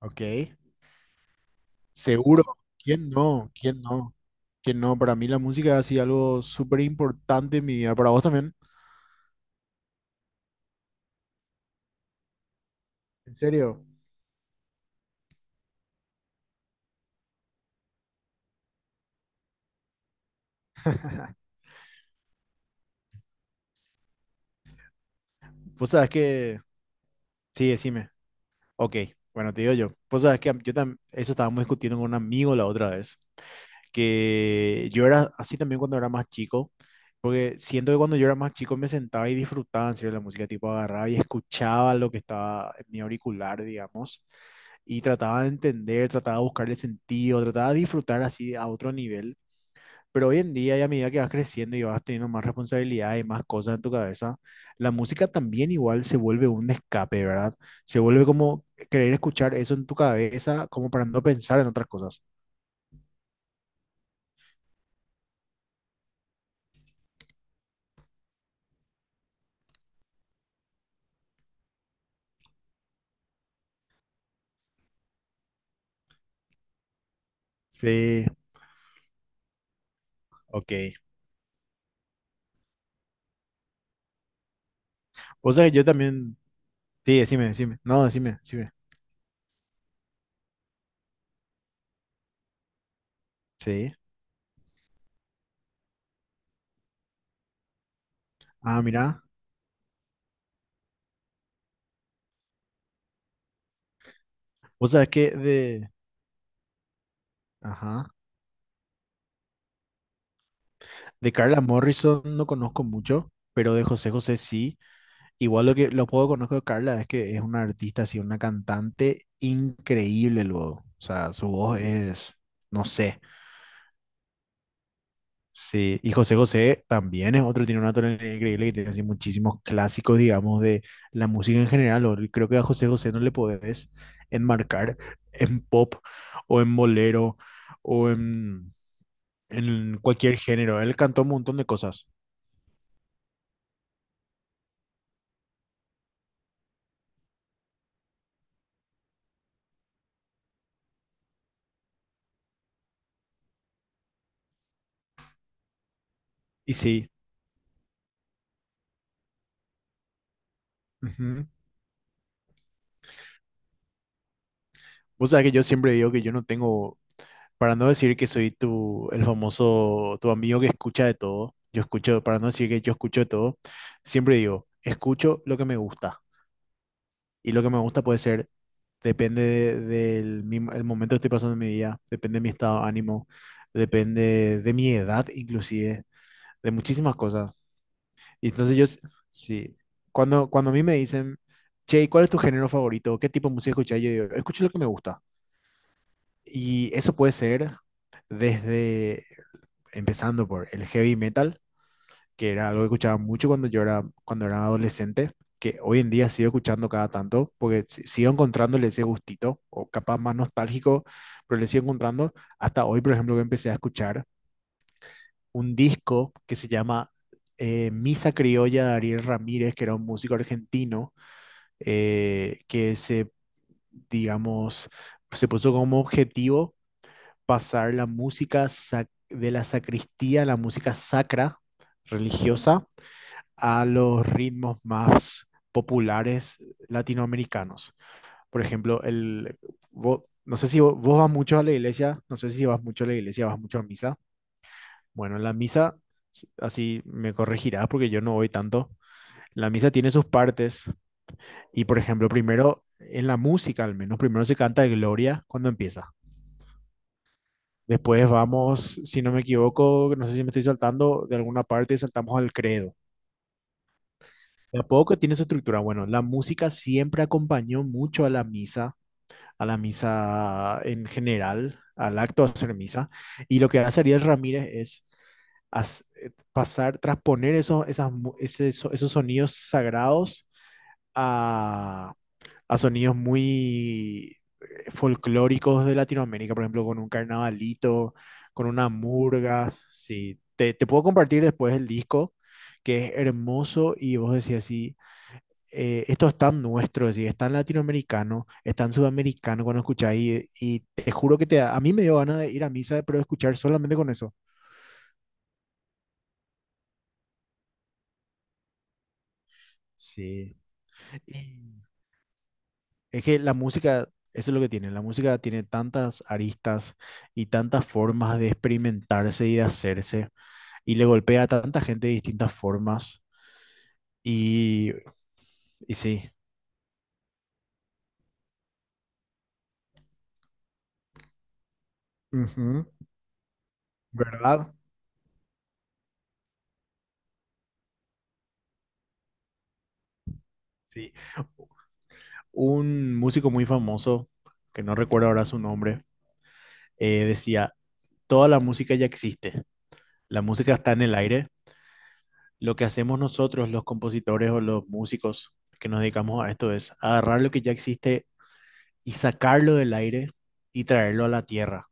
Ok, seguro. ¿Quién no? ¿Quién no? ¿Quién no? Para mí la música ha sido algo súper importante en mi vida. Para vos también. ¿En serio? Vos sabés que... Sí, decime. Ok, bueno, te digo yo. Vos sabés que yo también... Eso estábamos discutiendo con un amigo la otra vez. Que yo era así también cuando era más chico. Porque siento que cuando yo era más chico me sentaba y disfrutaba en serio de la música. Tipo agarraba y escuchaba lo que estaba en mi auricular, digamos. Y trataba de entender, trataba de buscarle sentido, trataba de disfrutar así a otro nivel. Pero hoy en día, y a medida que vas creciendo y vas teniendo más responsabilidad y más cosas en tu cabeza, la música también igual se vuelve un escape, ¿verdad? Se vuelve como querer escuchar eso en tu cabeza, como para no pensar en otras cosas. Sí, ok. O sea, yo también, sí, decime, decime. No, decime, decime. Sí. Ah, mira. O sea, ajá, de Carla Morrison no conozco mucho, pero de José José sí. Igual lo que lo poco que conozco de Carla es que es una artista, así, una cantante increíble luego. O sea, su voz es, no sé. Sí, y José José también es otro, tiene una tonalidad increíble y tiene así muchísimos clásicos, digamos, de la música en general. Creo que a José José no le podés enmarcar en pop o en bolero o en, en cualquier género. Él cantó un montón de cosas. Y sí. Ujú. Vos sabés que yo siempre digo que yo no tengo. Para no decir que soy tu, el famoso, tu amigo que escucha de todo, yo escucho, para no decir que yo escucho de todo, siempre digo, escucho lo que me gusta. Y lo que me gusta puede ser, depende del el momento que estoy pasando en mi vida, depende de mi estado de ánimo, depende de mi edad inclusive, de muchísimas cosas. Y entonces sí, cuando a mí me dicen, che, ¿cuál es tu género favorito? ¿Qué tipo de música escuchas? Yo digo, escucho lo que me gusta. Y eso puede ser desde, empezando por el heavy metal, que era algo que escuchaba mucho cuando era adolescente, que hoy en día sigo escuchando cada tanto, porque sigo encontrándole ese gustito, o capaz más nostálgico, pero le sigo encontrando. Hasta hoy, por ejemplo, que empecé a escuchar un disco que se llama Misa Criolla de Ariel Ramírez, que era un músico argentino, eh, que se, digamos, se puso como objetivo pasar la música de la sacristía, la música sacra, religiosa, a los ritmos más populares latinoamericanos. Por ejemplo, el, vo- no sé si vo- vos, vas mucho a la iglesia, no sé si vas mucho a la iglesia, vas mucho a misa. Bueno, la misa, así me corregirás porque yo no voy tanto. La misa tiene sus partes y, por ejemplo, primero, en la música al menos, primero se canta el Gloria cuando empieza. Después vamos, si no me equivoco, no sé si me estoy saltando de alguna parte, saltamos al credo. De a poco tiene su estructura. Bueno, la música siempre acompañó mucho a la misa en general, al acto de hacer misa. Y lo que hace Ariel Ramírez es as- pasar, transponer esos, esas mu- ese- eso- esos sonidos sagrados a, a sonidos muy folclóricos de Latinoamérica, por ejemplo, con un carnavalito, con una murga. Sí, te puedo compartir después el disco, que es hermoso y vos decís así, esto es tan nuestro, es decir, es tan latinoamericano, es tan sudamericano cuando escucháis y te juro que a mí me dio ganas de ir a misa, pero de escuchar solamente con eso. Sí. Y es que la música, eso es lo que tiene, la música tiene tantas aristas y tantas formas de experimentarse y de hacerse, y le golpea a tanta gente de distintas formas, y, y sí. Ujú. ¿Verdad? Sí. Un músico muy famoso, que no recuerdo ahora su nombre, decía, toda la música ya existe, la música está en el aire, lo que hacemos nosotros, los compositores o los músicos que nos dedicamos a esto, es agarrar lo que ya existe y sacarlo del aire y traerlo a la tierra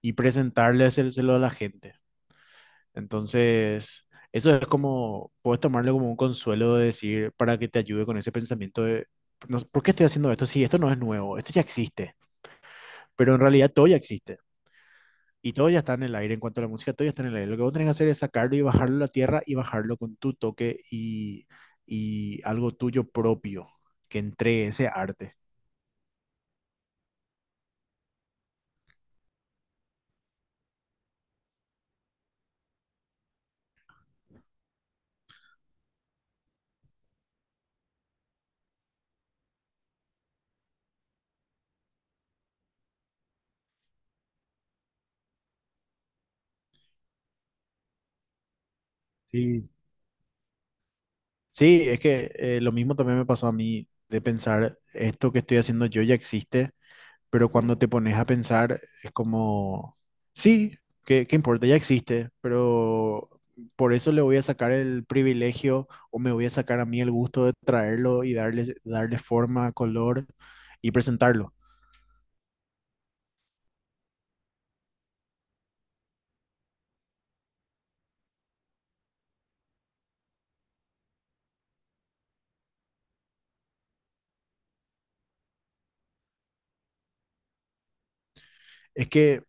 y presentarle hacérselo a la gente. Entonces, eso es como, puedes tomarlo como un consuelo de decir, para que te ayude con ese pensamiento de, no, ¿por qué estoy haciendo esto? Sí, esto no es nuevo, esto ya existe, pero en realidad todo ya existe. Y todo ya está en el aire, en cuanto a la música, todo ya está en el aire. Lo que vos tenés que hacer es sacarlo y bajarlo a la tierra y bajarlo con tu toque y algo tuyo propio que entre ese arte. Sí, sí, es que lo mismo también me pasó a mí de pensar, esto que estoy haciendo yo ya existe, pero cuando te pones a pensar es como, sí, ¿qué importa? Ya existe, pero por eso le voy a sacar el privilegio o me voy a sacar a mí el gusto de traerlo y darle forma, color y presentarlo. Es que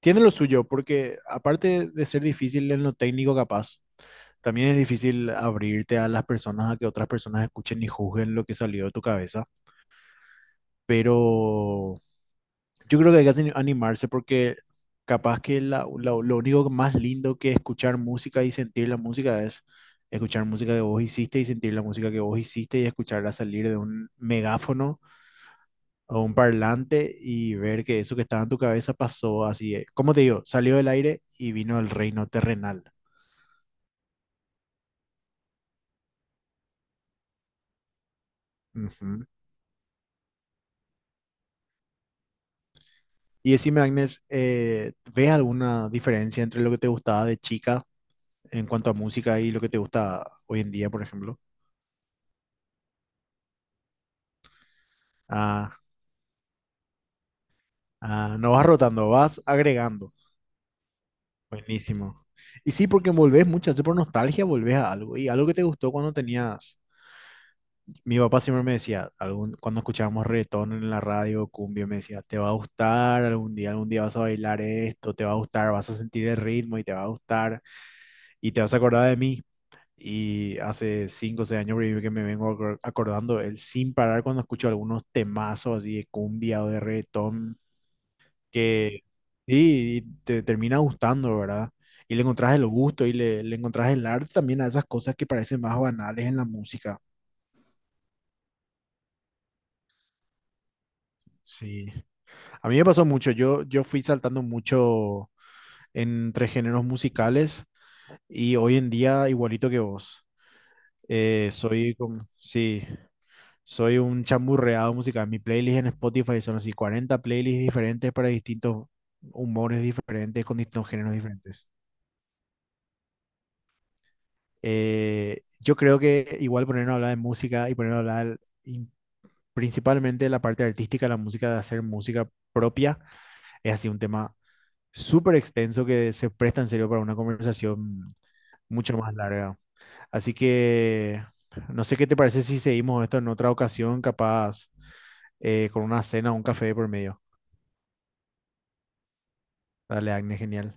tiene lo suyo, porque aparte de ser difícil en lo técnico capaz, también es difícil abrirte a las personas, a que otras personas escuchen y juzguen lo que salió de tu cabeza. Pero yo creo que hay que animarse porque capaz que lo único más lindo que escuchar música y sentir la música es escuchar música que vos hiciste y sentir la música que vos hiciste y escucharla salir de un megáfono a un parlante y ver que eso que estaba en tu cabeza pasó así, ¿cómo te digo? Salió del aire y vino al reino terrenal. Ujú. Y decime, Agnes, ¿ves alguna diferencia entre lo que te gustaba de chica en cuanto a música y lo que te gusta hoy en día, por ejemplo? Ah, ah, no vas rotando, vas agregando. Buenísimo. Y sí, porque volvés muchas veces por nostalgia, volvés a algo. Y algo que te gustó cuando tenías. Mi papá siempre me decía, algún, cuando escuchábamos reggaetón en la radio, cumbia, me decía, te va a gustar algún día vas a bailar esto, te va a gustar, vas a sentir el ritmo y te va a gustar y te vas a acordar de mí. Y hace 5 o 6 años que me vengo acordando, él sin parar cuando escucho algunos temazos así de cumbia o de reggaetón, que sí, y te termina gustando, ¿verdad? Y le encontrás el gusto le encontrás el arte también a esas cosas que parecen más banales en la música. Sí. A mí me pasó mucho, yo fui saltando mucho entre géneros musicales y hoy en día igualito que vos. Soy como, sí, soy un chamburreado musical. Mi playlist en Spotify son así 40 playlists diferentes para distintos humores diferentes, con distintos géneros diferentes. Yo creo que igual ponernos a hablar de música y ponernos a hablar y principalmente de la parte artística, la música, de hacer música propia, es así un tema súper extenso que se presta en serio para una conversación mucho más larga. Así que no sé qué te parece si seguimos esto en otra ocasión, capaz con una cena o un café por medio. Dale, Agnes, genial.